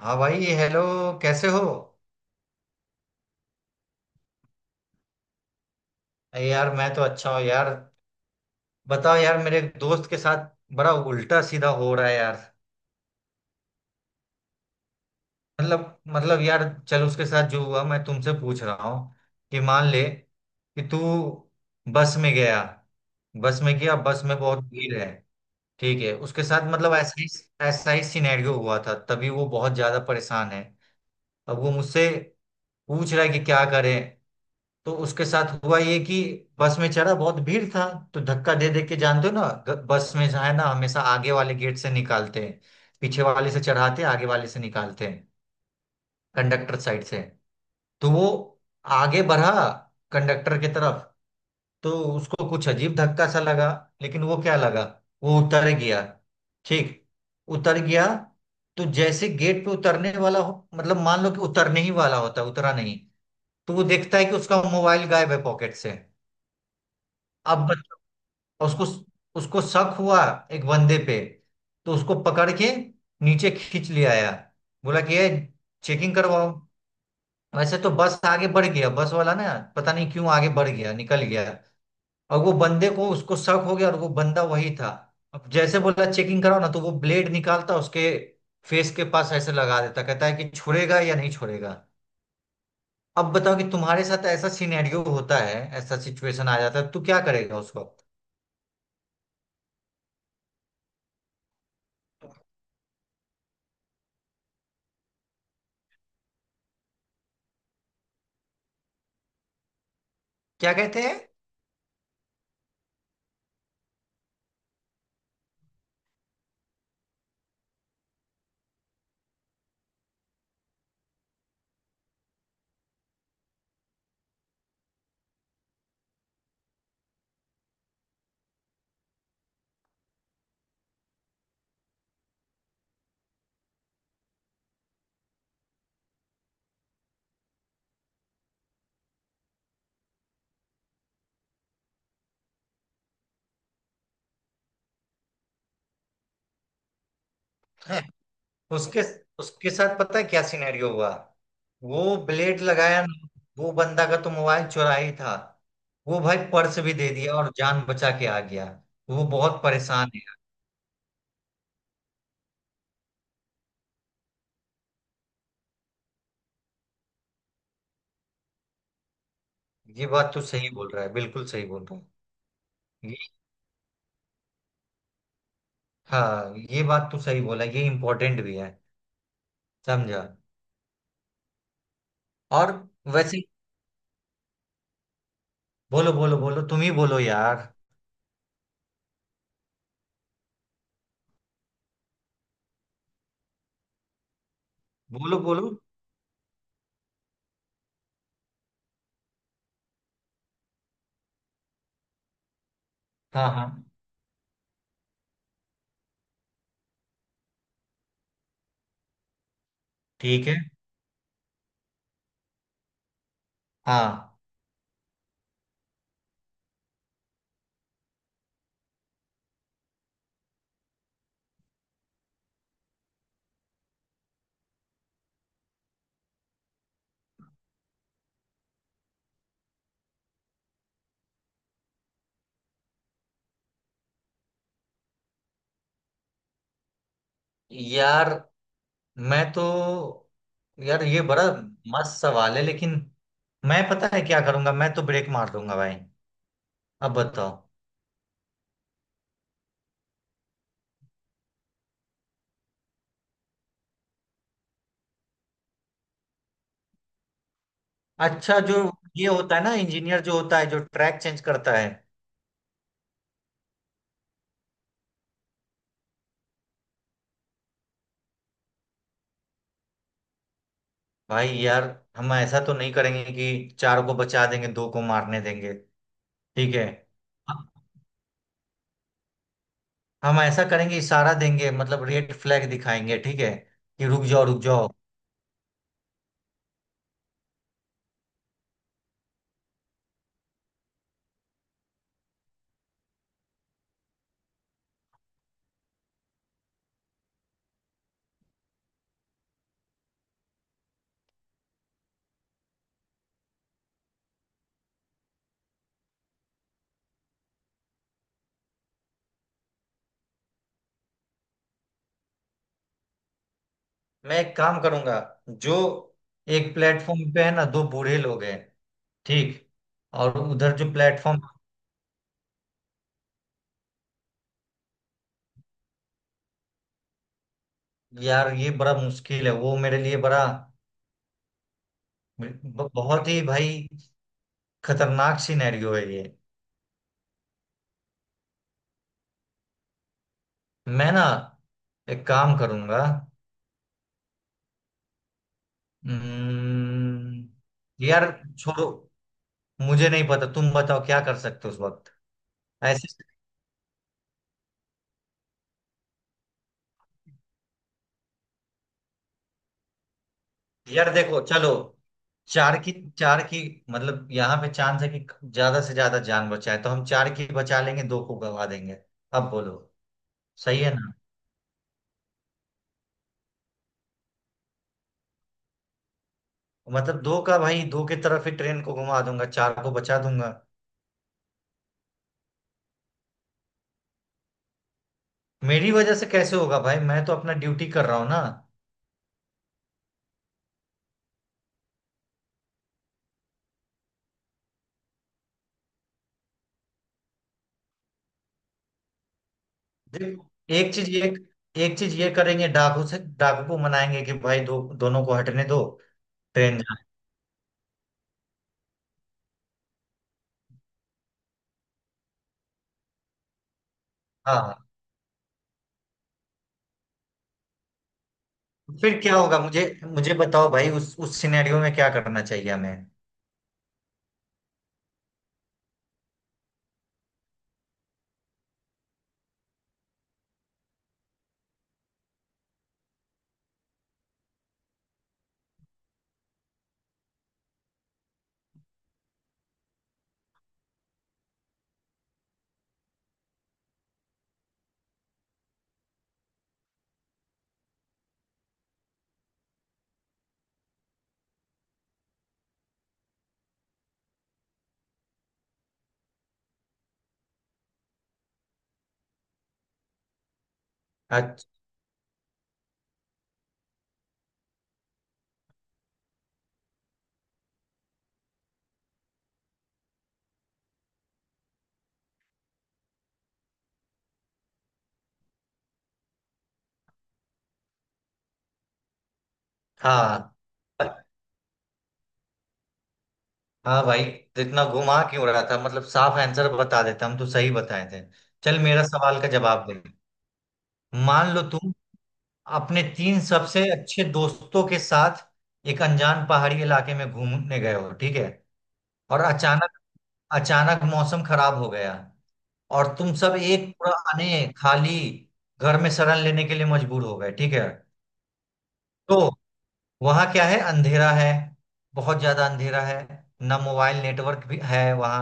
हाँ भाई हेलो। कैसे हो? अरे यार मैं तो अच्छा हूँ यार। बताओ यार, मेरे एक दोस्त के साथ बड़ा उल्टा सीधा हो रहा है यार। मतलब यार, चल उसके साथ जो हुआ मैं तुमसे पूछ रहा हूँ कि मान ले कि तू बस में गया बस में गया। बस में बहुत भीड़ है। ठीक है, उसके साथ मतलब ऐसा ही सिनेरियो हुआ था, तभी वो बहुत ज्यादा परेशान है। अब वो मुझसे पूछ रहा है कि क्या करें। तो उसके साथ हुआ ये कि बस में चढ़ा, बहुत भीड़ था। तो धक्का दे दे के, जानते हो ना, बस में जो है ना, हमेशा आगे वाले गेट से निकालते हैं। पीछे वाले से चढ़ाते हैं, आगे वाले से निकालते हैं, कंडक्टर साइड से। तो वो आगे बढ़ा कंडक्टर की तरफ। तो उसको कुछ अजीब धक्का सा लगा, लेकिन वो क्या लगा, वो उतर गया। ठीक, उतर गया। तो जैसे गेट पे उतरने वाला हो, मतलब मान लो कि उतरने ही वाला होता है, उतरा नहीं। तो वो देखता है कि उसका मोबाइल गायब है पॉकेट से। अब बच्चों, उसको उसको शक हुआ एक बंदे पे। तो उसको पकड़ के नीचे खींच ले आया। बोला कि ये चेकिंग करवाओ। वैसे तो बस आगे बढ़ गया, बस वाला ना पता नहीं क्यों आगे बढ़ गया, निकल गया। और वो बंदे को, उसको शक हो गया और वो बंदा वही था। अब जैसे बोला चेकिंग कराओ ना, तो वो ब्लेड निकालता उसके फेस के पास ऐसे लगा देता, कहता है कि छोड़ेगा या नहीं छोड़ेगा। अब बताओ कि तुम्हारे साथ ऐसा सिनेरियो होता है, ऐसा सिचुएशन आ जाता है तो क्या करेगा उस वक्त? क्या कहते हैं? उसके उसके साथ पता है क्या सिनेरियो हुआ? वो ब्लेड लगाया ना, वो बंदा का तो मोबाइल चुरा ही था, वो भाई पर्स भी दे दिया और जान बचा के आ गया। वो बहुत परेशान है। ये बात तो सही बोल रहा है, बिल्कुल सही बोल रहा है। ये, हाँ, ये बात तो सही बोला, ये इम्पोर्टेंट भी है। समझा। और वैसे, बोलो बोलो बोलो, तुम ही बोलो यार। बोलो बोलो। हाँ हाँ। ठीक है। हाँ। यार मैं तो, यार ये बड़ा मस्त सवाल है। लेकिन मैं पता है क्या करूंगा? मैं तो ब्रेक मार दूंगा भाई। अब बताओ। अच्छा, जो ये होता है ना, इंजीनियर जो होता है, जो ट्रैक चेंज करता है। भाई यार, हम ऐसा तो नहीं करेंगे कि चार को बचा देंगे, दो को मारने देंगे। ठीक है, हम ऐसा करेंगे, इशारा देंगे, मतलब रेड फ्लैग दिखाएंगे, ठीक है, कि रुक जाओ रुक जाओ। मैं एक काम करूंगा, जो, एक प्लेटफॉर्म पे है ना दो बूढ़े लोग हैं। ठीक, और उधर जो प्लेटफॉर्म, यार ये बड़ा मुश्किल है, वो मेरे लिए बड़ा, बहुत ही भाई खतरनाक सिनेरियो है ये। मैं ना एक काम करूंगा। हम्म, यार छोड़ो, मुझे नहीं पता, तुम बताओ क्या कर सकते हो उस वक्त? ऐसे, यार देखो, चलो, चार की चार की मतलब यहाँ पे चांस है कि ज्यादा से ज्यादा जान बचाए, तो हम चार की बचा लेंगे, दो को गवा देंगे। अब बोलो। सही है ना, मतलब दो का, भाई दो की तरफ ही ट्रेन को घुमा दूंगा, चार को बचा दूंगा। मेरी वजह से कैसे होगा भाई? मैं तो अपना ड्यूटी कर रहा हूँ ना। देखो, एक चीज ये एक चीज ये करेंगे, डाकू से, डाकू को मनाएंगे कि भाई दो दोनों को हटने दो, ट्रेन जाए। हाँ, फिर क्या होगा? मुझे मुझे बताओ भाई उस सिनेरियो में क्या करना चाहिए हमें। हाँ हाँ भाई, तो इतना घुमा क्यों रहा था? मतलब साफ आंसर बता देता, हम तो सही बताए थे। चल मेरा सवाल का जवाब दे। मान लो तुम अपने तीन सबसे अच्छे दोस्तों के साथ एक अनजान पहाड़ी इलाके में घूमने गए हो, ठीक है? और अचानक, अचानक मौसम खराब हो गया और तुम सब एक पुराने खाली घर में शरण लेने के लिए मजबूर हो गए, ठीक है? तो वहां क्या है? अंधेरा है, बहुत ज्यादा अंधेरा है। ना मोबाइल नेटवर्क भी है वहां,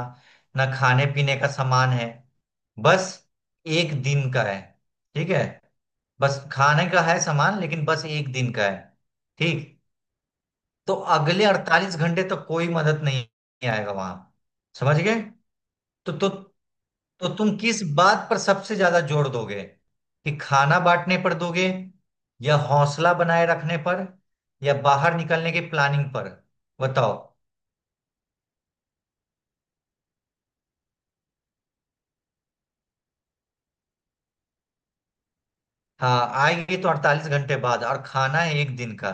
ना खाने पीने का सामान है। बस एक दिन का है, ठीक है, बस खाने का है सामान, लेकिन बस एक दिन का है, ठीक? तो अगले 48 घंटे तक कोई मदद नहीं आएगा वहां, समझ गए? तो तो तुम किस बात पर सबसे ज्यादा जोर दोगे? कि खाना बांटने पर दोगे, या हौसला बनाए रखने पर, या बाहर निकलने की प्लानिंग पर? बताओ। हाँ, आएंगे तो 48 घंटे बाद और खाना है एक दिन का।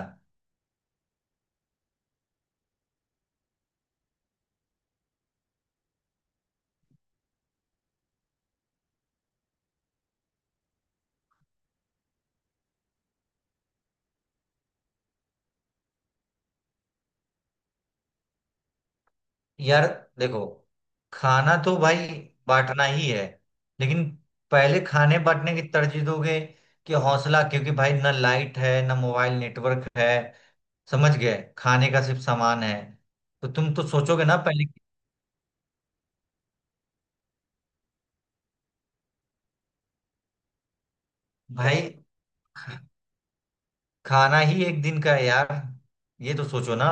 यार देखो, खाना तो भाई बांटना ही है। लेकिन पहले खाने बांटने की तरजीह दोगे कि हौसला? क्योंकि भाई ना लाइट है ना मोबाइल नेटवर्क है, समझ गए? खाने का सिर्फ सामान है, तो तुम तो सोचोगे ना पहले कि, भाई खाना ही एक दिन का है यार, ये तो सोचो ना।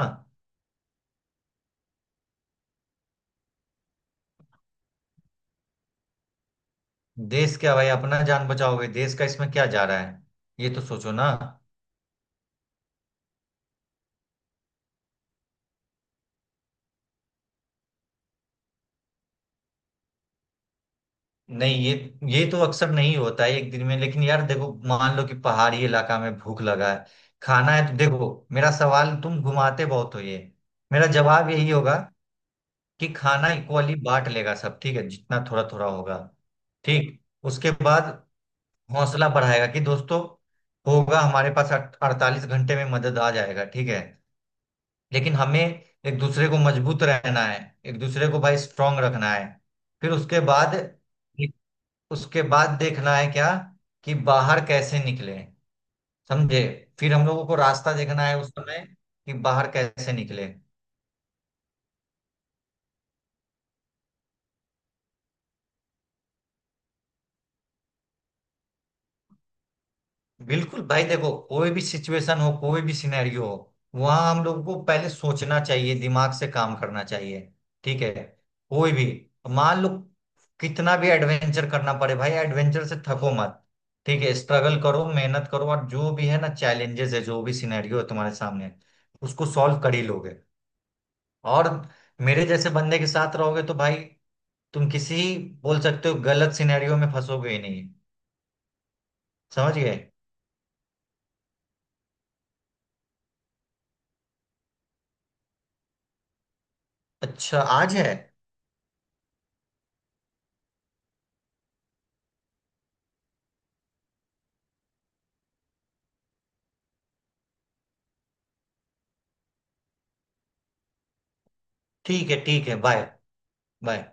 देश क्या भाई? अपना जान बचाओगे, देश का इसमें क्या जा रहा है? ये तो सोचो ना। नहीं, ये तो अक्सर नहीं होता है एक दिन में, लेकिन यार देखो, मान लो कि पहाड़ी इलाका में भूख लगा है, खाना है तो देखो। मेरा सवाल तुम घुमाते बहुत हो। ये मेरा जवाब यही होगा कि खाना इक्वली बांट लेगा सब, ठीक है? जितना थोड़ा थोड़ा होगा, ठीक। उसके बाद हौसला बढ़ाएगा कि दोस्तों, होगा, हमारे पास 48 घंटे में मदद आ जाएगा, ठीक है? लेकिन हमें एक दूसरे को मजबूत रहना है, एक दूसरे को भाई स्ट्रांग रखना है। फिर उसके बाद देखना है क्या, कि बाहर कैसे निकले, समझे? फिर हम लोगों को रास्ता देखना है उस समय कि बाहर कैसे निकले। बिल्कुल भाई देखो, कोई भी सिचुएशन हो, कोई भी सिनेरियो हो, वहां हम लोगों को पहले सोचना चाहिए, दिमाग से काम करना चाहिए, ठीक है? कोई भी, मान लो कितना भी एडवेंचर करना पड़े भाई, एडवेंचर से थको मत, ठीक है? स्ट्रगल करो, मेहनत करो और जो भी है ना चैलेंजेस है, जो भी सिनेरियो है तुम्हारे सामने, उसको सॉल्व कर ही लोगे। और मेरे जैसे बंदे के साथ रहोगे तो भाई, तुम किसी, बोल सकते हो, गलत सिनेरियो में फंसोगे ही नहीं, समझ गए? अच्छा आज है? ठीक है, ठीक है, बाय। बाय।